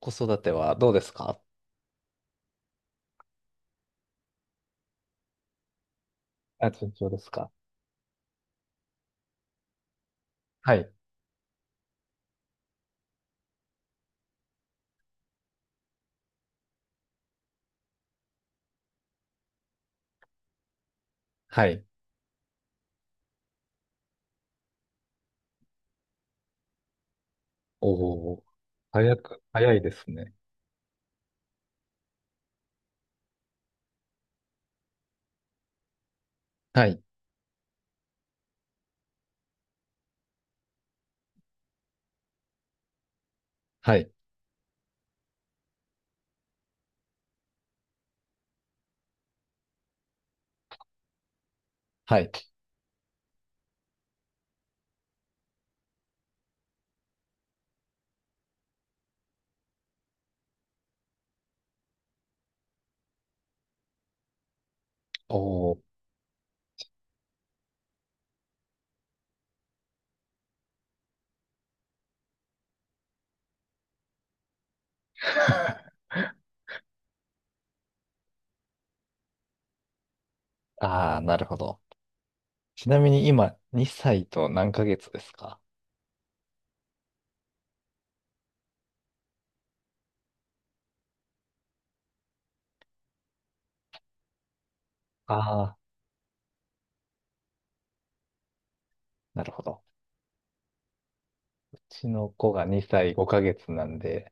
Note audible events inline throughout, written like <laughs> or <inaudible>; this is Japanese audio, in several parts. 子育てはどうですか？あ、順調ですか。はい。はい。おお、早いですね。はい、はい、はい。おー。<laughs> ああ、なるほど。ちなみに今、2歳と何ヶ月ですか？ああー、なるほど。うちの子が2歳5ヶ月なんで、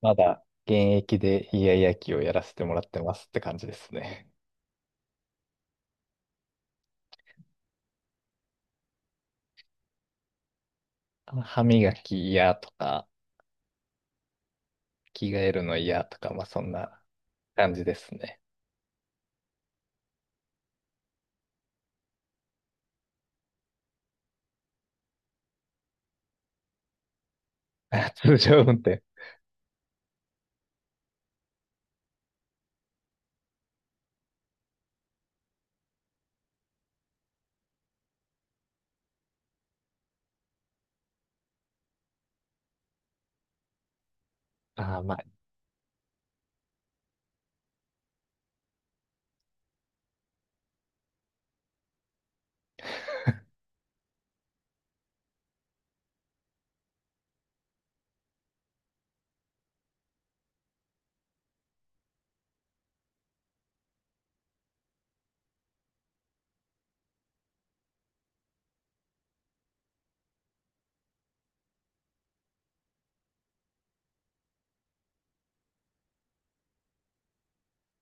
まだ現役でイヤイヤ期をやらせてもらってますって感じですね。<laughs> 歯磨き嫌とか、着替えるの嫌とか、まあそんな感じですね。<laughs> 通常運転。ああ、まあ、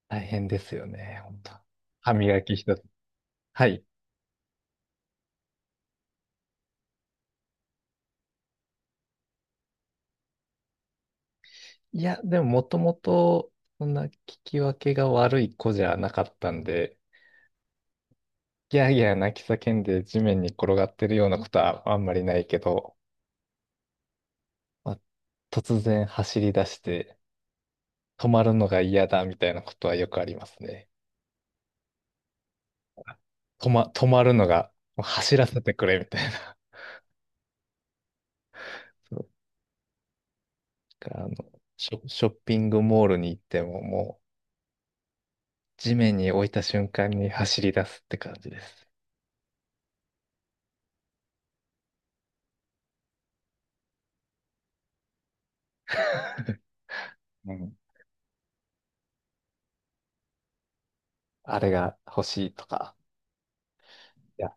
大変ですよね、本当。歯磨き一つ。はい。いや、でも、もともとそんな聞き分けが悪い子じゃなかったんで、ギャーギャー泣き叫んで地面に転がってるようなことはあんまりないけど、まあ、突然走り出して、止まるのが嫌だみたいなことはよくありますね。止まるのが、もう走らせてくれみたいな。<laughs> そうか。あの、ショッピングモールに行ってももう、地面に置いた瞬間に走り出すって感じです。うん。あれが欲しいとか。いや、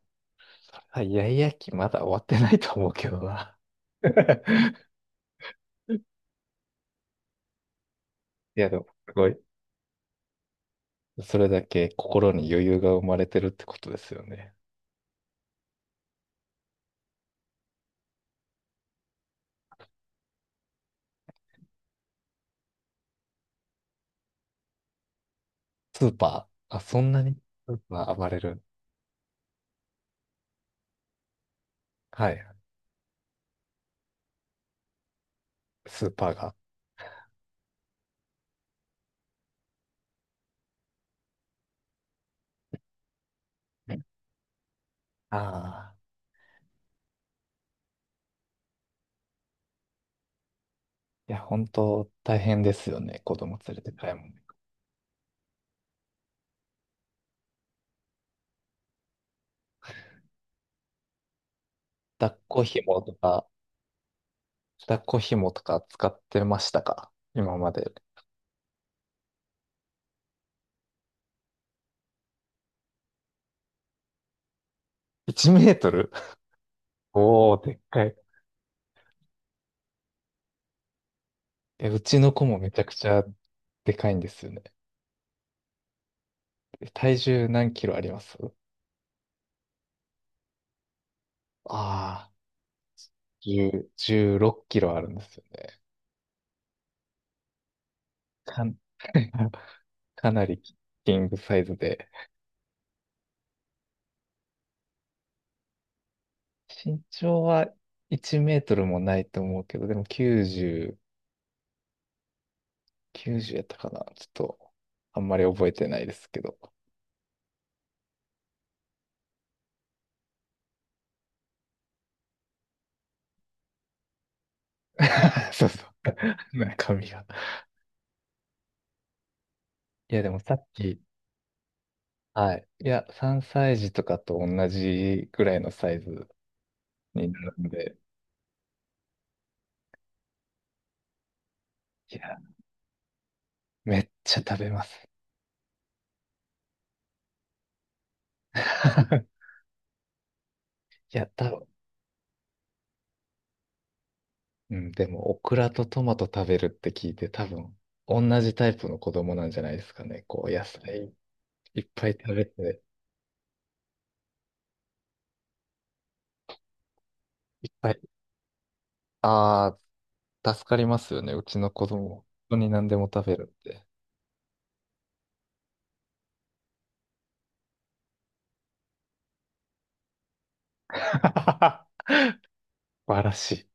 あ、イヤイヤ期まだ終わってないと思うけどな。<laughs> いや、でも、すごい。それだけ心に余裕が生まれてるってことですよね。スーパー、あ、そんなにスーパー暴れる。はい、スーパーが。ああ、いや、本当大変ですよね、子供連れて買い物。抱っこ紐とか、抱っこ紐とか使ってましたか今まで？1メートル。 <laughs> おー、でっかい。え、うちの子もめちゃくちゃでかいんですよね。え、体重何キロあります？ああー、10、6キロあるんですよね。かん、<laughs> かなりキングサイズで。身長は1メートルもないと思うけど、でも90、90やったかなちょっと、あんまり覚えてないですけど。<laughs> そうそう。中身が。いや、でもさっき、はい。いや、3歳児とかと同じぐらいのサイズになるんで、いやめっちゃ食べます。<laughs> いや、多分、うん、でも、オクラとトマト食べるって聞いて、多分、同じタイプの子供なんじゃないですかね。こう、野菜いっぱい食べて、いっぱい。ああ、助かりますよね。うちの子供、本当に何でも食べるって。<laughs> 素晴らしい。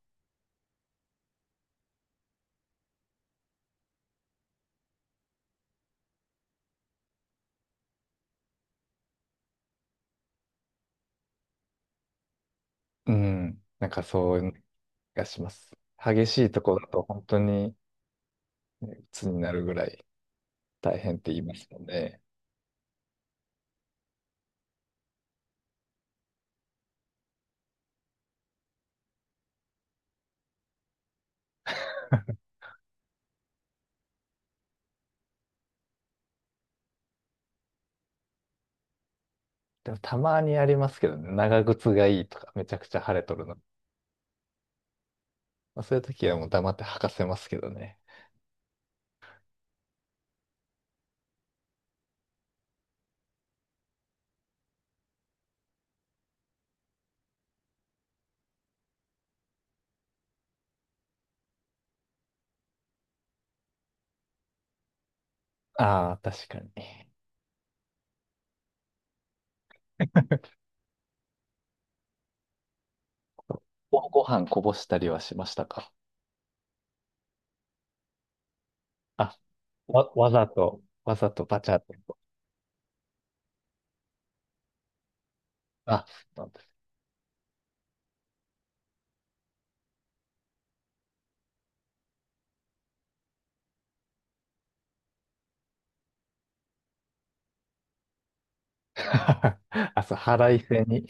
うん。なんかそういう気がします。激しいところだと本当にね、鬱になるぐらい大変って言いますもんね。でもたまにありますけどね。長靴がいいとか、めちゃくちゃ晴れとるのまあ、そういう時はもう黙って吐かせますけどね。ああ、確かに。ご、ご飯こぼしたりはしましたか？あ、わざと、わざとバチャって。あ、そうなんです。<laughs> あ、そう、腹いせに。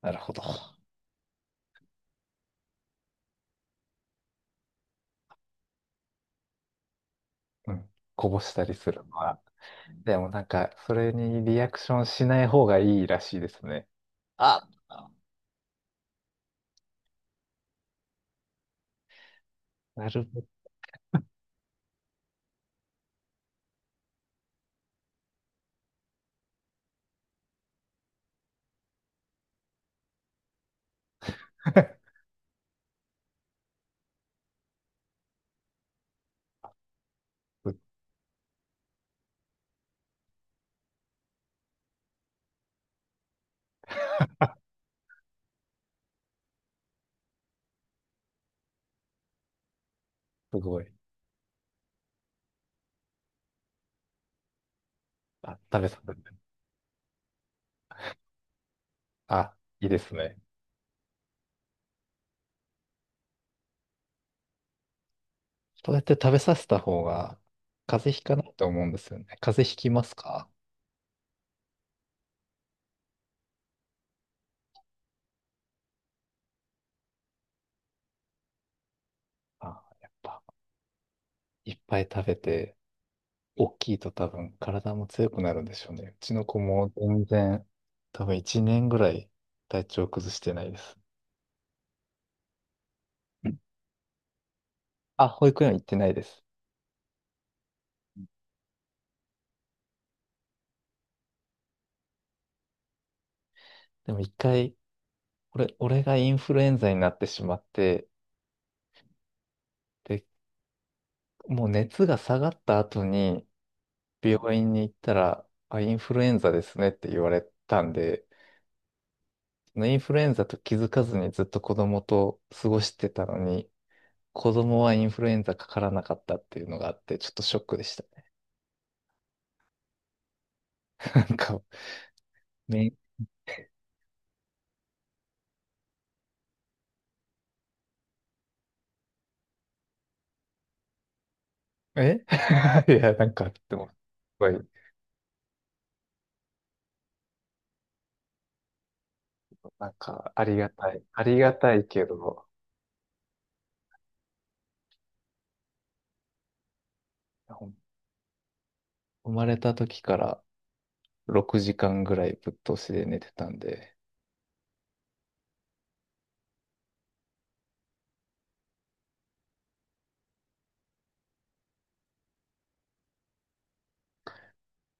なるほど。うん。こぼしたりするのは。でもなんか、それにリアクションしない方がいいらしいですね。あ、なるほど。すごい。あ、食べさせて。あ、いいですね。そうやって食べさせた方が風邪ひかないと思うんですよね。風邪ひきますか？ああやっぱ、いっぱい食べて、大きいと多分体も強くなるんでしょうね。うちの子も全然、多分1年ぐらい体調崩してないです。うん、あ、保育園行ってないです。でも一回、俺がインフルエンザになってしまって、で、もう熱が下がった後に病院に行ったら、あ、インフルエンザですねって言われたんで、インフルエンザと気づかずにずっと子供と過ごしてたのに、子供はインフルエンザかからなかったっていうのがあって、ちょっとショックでした。<laughs> なんか、め、え。 <laughs> いや、なんか、でも、すごい、なんか、ありがたい。ありがたいけど、ほん生まれた時から6時間ぐらいぶっ通しで寝てたんで、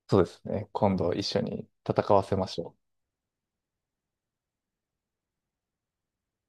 そうですね。今度一緒に戦わせましょう。